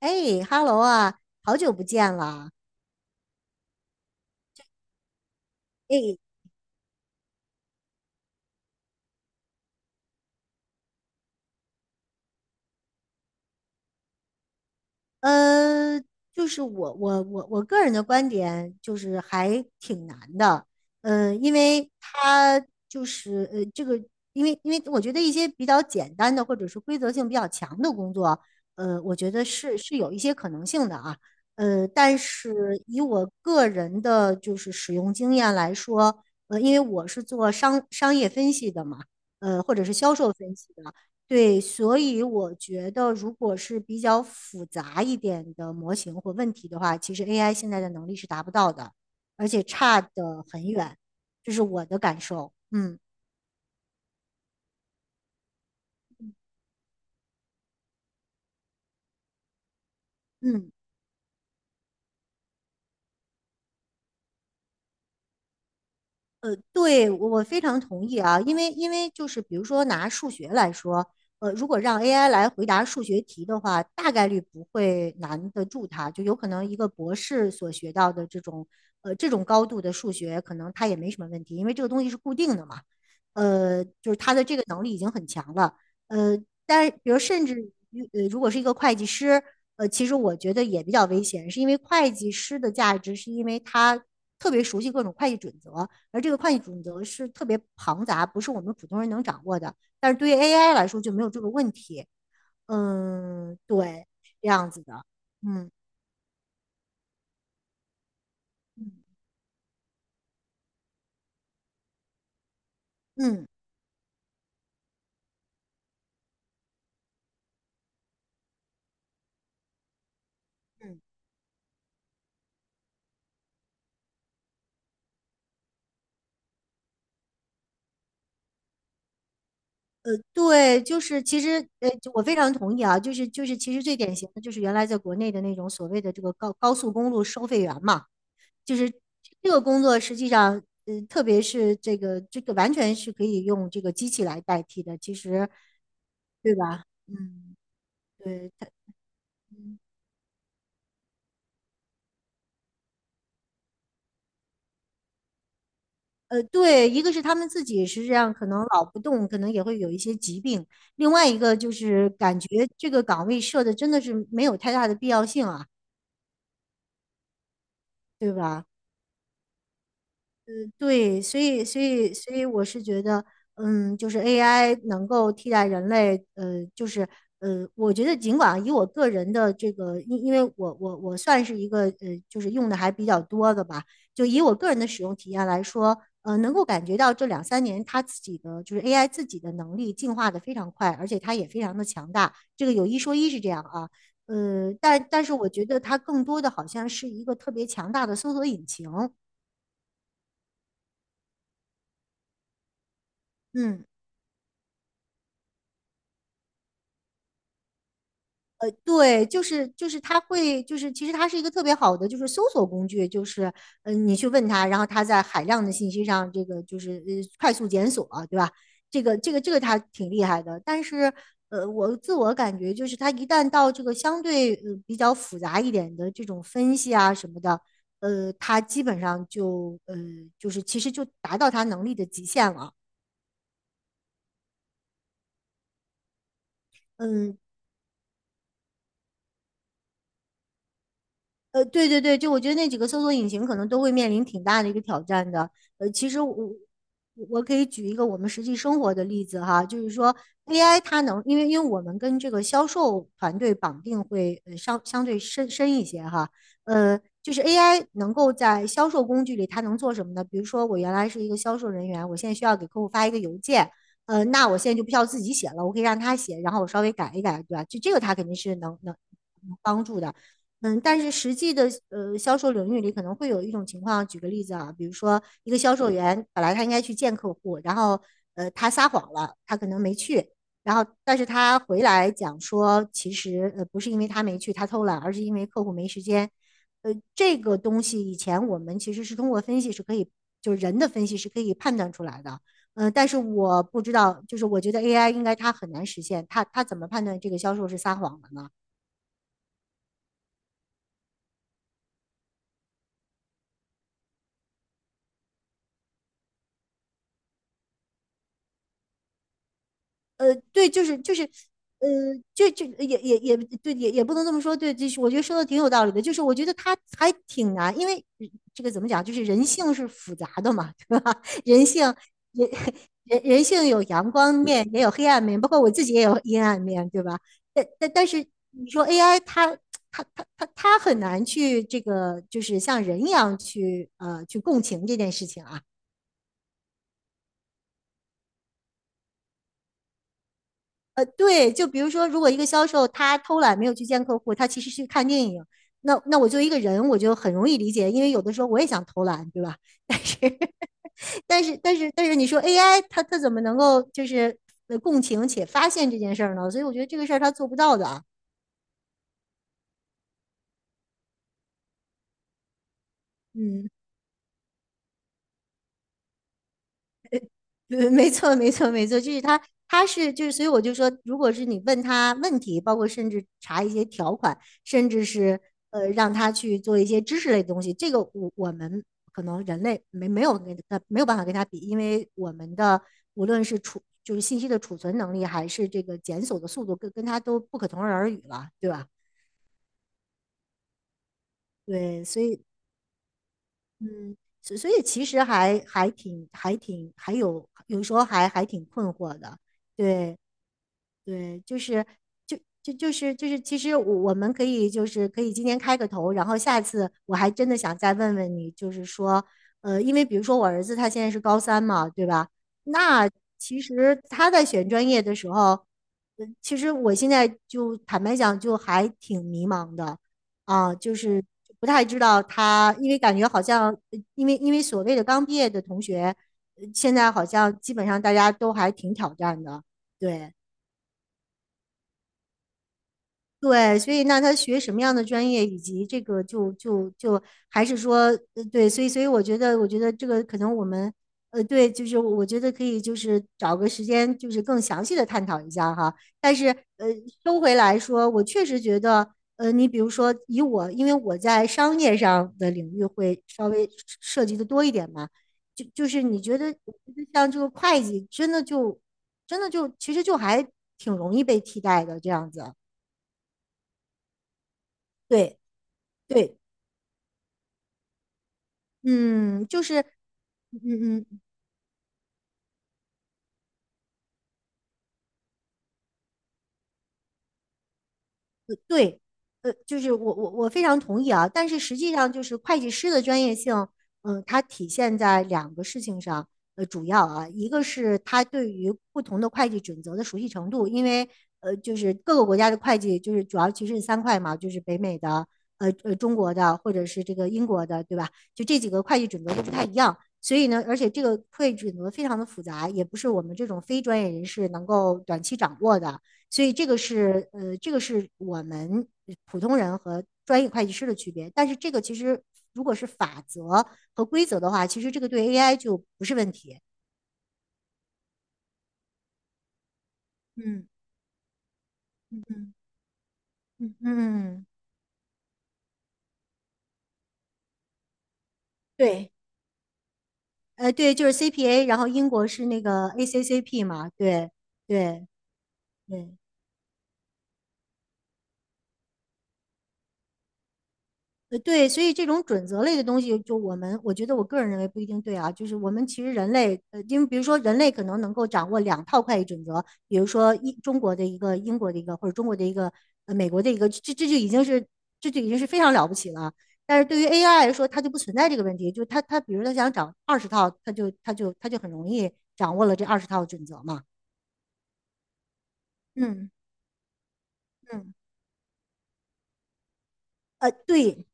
哎，哈喽啊，好久不见了。哎，呃，就是我个人的观点就是还挺难的，因为他就是这个，因为我觉得一些比较简单的或者是规则性比较强的工作，我觉得是有一些可能性的啊，但是以我个人的就是使用经验来说，因为我是做商业分析的嘛。或者是销售分析的，对，所以我觉得，如果是比较复杂一点的模型或问题的话，其实 AI 现在的能力是达不到的，而且差得很远，这是我的感受。嗯嗯。对，我非常同意啊，因为就是比如说拿数学来说，如果让 AI 来回答数学题的话，大概率不会难得住它，就有可能一个博士所学到的这种高度的数学，可能它也没什么问题，因为这个东西是固定的嘛，就是他的这个能力已经很强了，呃，但是比如甚至于如果是一个会计师。其实我觉得也比较危险，是因为会计师的价值是因为他特别熟悉各种会计准则，而这个会计准则是特别庞杂，不是我们普通人能掌握的。但是对于 AI 来说就没有这个问题。嗯，对，这样子的。嗯嗯嗯嗯，对，就是其实就我非常同意啊，就是其实最典型的就是原来在国内的那种所谓的这个高速公路收费员嘛，就是这个工作实际上，特别是这个完全是可以用这个机器来代替的，其实对吧？嗯，对它。嗯，对，一个是他们自己实是这样，可能老不动，可能也会有一些疾病；另外一个就是感觉这个岗位设的真的是没有太大的必要性啊，对吧？对，所以我是觉得，嗯，就是 AI 能够替代人类，就是我觉得尽管以我个人的这个，因为我算是一个就是用的还比较多的吧，就以我个人的使用体验来说，能够感觉到这两三年它自己的就是 AI 自己的能力进化的非常快，而且它也非常的强大，这个有一说一是这样啊，但是我觉得它更多的好像是一个特别强大的搜索引擎。嗯。对，就是他会就是其实它是一个特别好的就是搜索工具，就是你去问他，然后他在海量的信息上这个就是快速检索，对吧？这个他挺厉害的，但是我自我感觉就是他一旦到这个相对比较复杂一点的这种分析啊什么的，他基本上就就是其实就达到他能力的极限了。嗯，对对对，就我觉得那几个搜索引擎可能都会面临挺大的一个挑战的。其实我可以举一个我们实际生活的例子哈，就是说 AI 它能，因为我们跟这个销售团队绑定会相对深一些哈，就是 AI 能够在销售工具里它能做什么呢？比如说我原来是一个销售人员，我现在需要给客户发一个邮件，那我现在就不需要自己写了，我可以让他写，然后我稍微改一改，对吧？就这个他肯定是能助的。嗯，但是实际的销售领域里可能会有一种情况，举个例子啊，比如说一个销售员本来他应该去见客户，然后他撒谎了，他可能没去，然后但是他回来讲说，其实不是因为他没去，他偷懒，而是因为客户没时间。这个东西以前我们其实是通过分析是可以，就是人的分析是可以判断出来的。但是我不知道，就是我觉得 AI 应该它很难实现，它怎么判断这个销售是撒谎的呢？对，就是就是，呃，就就也也也对，也不能这么说，对，就是我觉得说的挺有道理的，就是我觉得他还挺难，因为这个怎么讲，就是人性是复杂的嘛，对吧？人人性有阳光面，也有黑暗面，包括我自己也有阴暗面，对吧？但是你说 AI 它很难去这个，就是像人一样去去共情这件事情啊。对，就比如说，如果一个销售他偷懒没有去见客户，他其实去看电影，那我作为一个人，我就很容易理解，因为有的时候我也想偷懒，对吧？但是 但是你说 AI 它怎么能够就是共情且发现这件事儿呢？所以我觉得这个事儿它做不到的啊。嗯。没错，没错，没错，他是所以我就说，如果是你问他问题，包括甚至查一些条款，甚至是让他去做一些知识类的东西，这个我们可能人类没有办法跟他比，因为我们的无论是储就是信息的储存能力，还是这个检索的速度，跟他都不可同日而语了，对吧？对，所以嗯，所以其实还还挺还挺还有有时候还挺困惑的，对。对，就就是，其实我们可以就是可以今天开个头，然后下次我还真的想再问问你，就是说，因为比如说我儿子他现在是高三嘛，对吧？那其实他在选专业的时候，其实我现在就坦白讲，就还挺迷茫的啊，就是不太知道他，因为感觉好像，因为所谓的刚毕业的同学，现在好像基本上大家都还挺挑战的，对。对，所以那他学什么样的专业，以及这个就就就还是说，对，所以我觉得，我觉得这个可能我们，对，就是我觉得可以，就是找个时间，就是更详细的探讨一下哈。但是，呃，收回来说，我确实觉得，你比如说以我，因为我在商业上的领域会稍微涉及的多一点嘛，就是你觉得，我觉得像这个会计，真的就其实就还挺容易被替代的这样子，对。对，嗯，就是，嗯嗯，嗯对，就是我非常同意啊，但是实际上就是会计师的专业性，嗯，它体现在两个事情上，主要啊，一个是他对于不同的会计准则的熟悉程度，因为就是各个国家的会计就是主要其实是三块嘛，就是北美的，中国的或者是这个英国的，对吧？就这几个会计准则都不太一样。所以呢，而且这个会计准则非常的复杂，也不是我们这种非专业人士能够短期掌握的。所以这个是这个是我们普通人和专业会计师的区别。但是这个其实如果是法则和规则的话，其实这个对 AI 就不是问题。嗯嗯嗯，嗯，对，对，就是 CPA，然后英国是那个 ACCP 嘛，对对对。对，所以这种准则类的东西，就我们，我觉得我个人认为不一定对啊。就是我们其实人类，因为比如说人类可能能够掌握两套会计准则，比如说一中国的一个、英国的一个，或者中国的一个、美国的一个，这就已经是非常了不起了。但是对于 AI 来说，它就不存在这个问题，就是它比如它想掌二十套，它就很容易掌握了这二十套准则嘛。嗯嗯，对，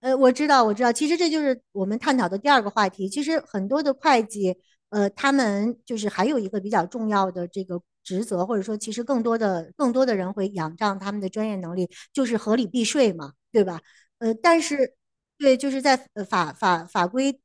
我知道，我知道，其实这就是我们探讨的第二个话题。其实很多的会计，他们就是还有一个比较重要的这个职责，或者说，其实更多的人会仰仗他们的专业能力，就是合理避税嘛，对吧？但是对，就是在法规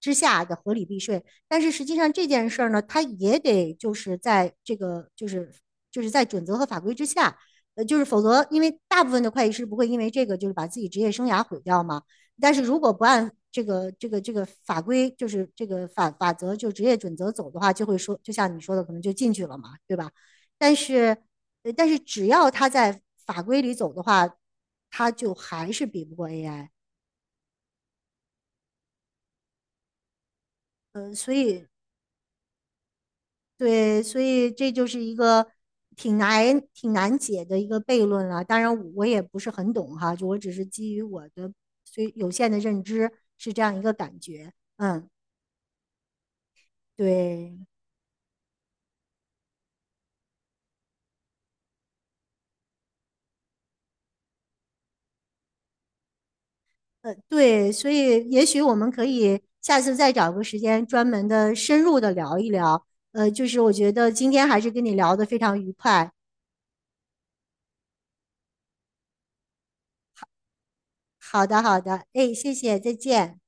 之下的合理避税，但是实际上这件事儿呢，它也得就是在这个就是在准则和法规之下。就是否则，因为大部分的会计师不会因为这个就是把自己职业生涯毁掉嘛。但是如果不按这个法规，就是这个法则，就职业准则走的话，就会说，就像你说的，可能就进去了嘛，对吧？但是，但是只要他在法规里走的话，他就还是比不过 AI。所以对，所以这就是一个挺难解的一个悖论了。当然，我也不是很懂哈，就我只是基于我的虽有限的认知是这样一个感觉。嗯，对，对，所以也许我们可以下次再找个时间专门的深入的聊一聊。就是我觉得今天还是跟你聊得非常愉快。好的，好的，哎，谢谢，再见。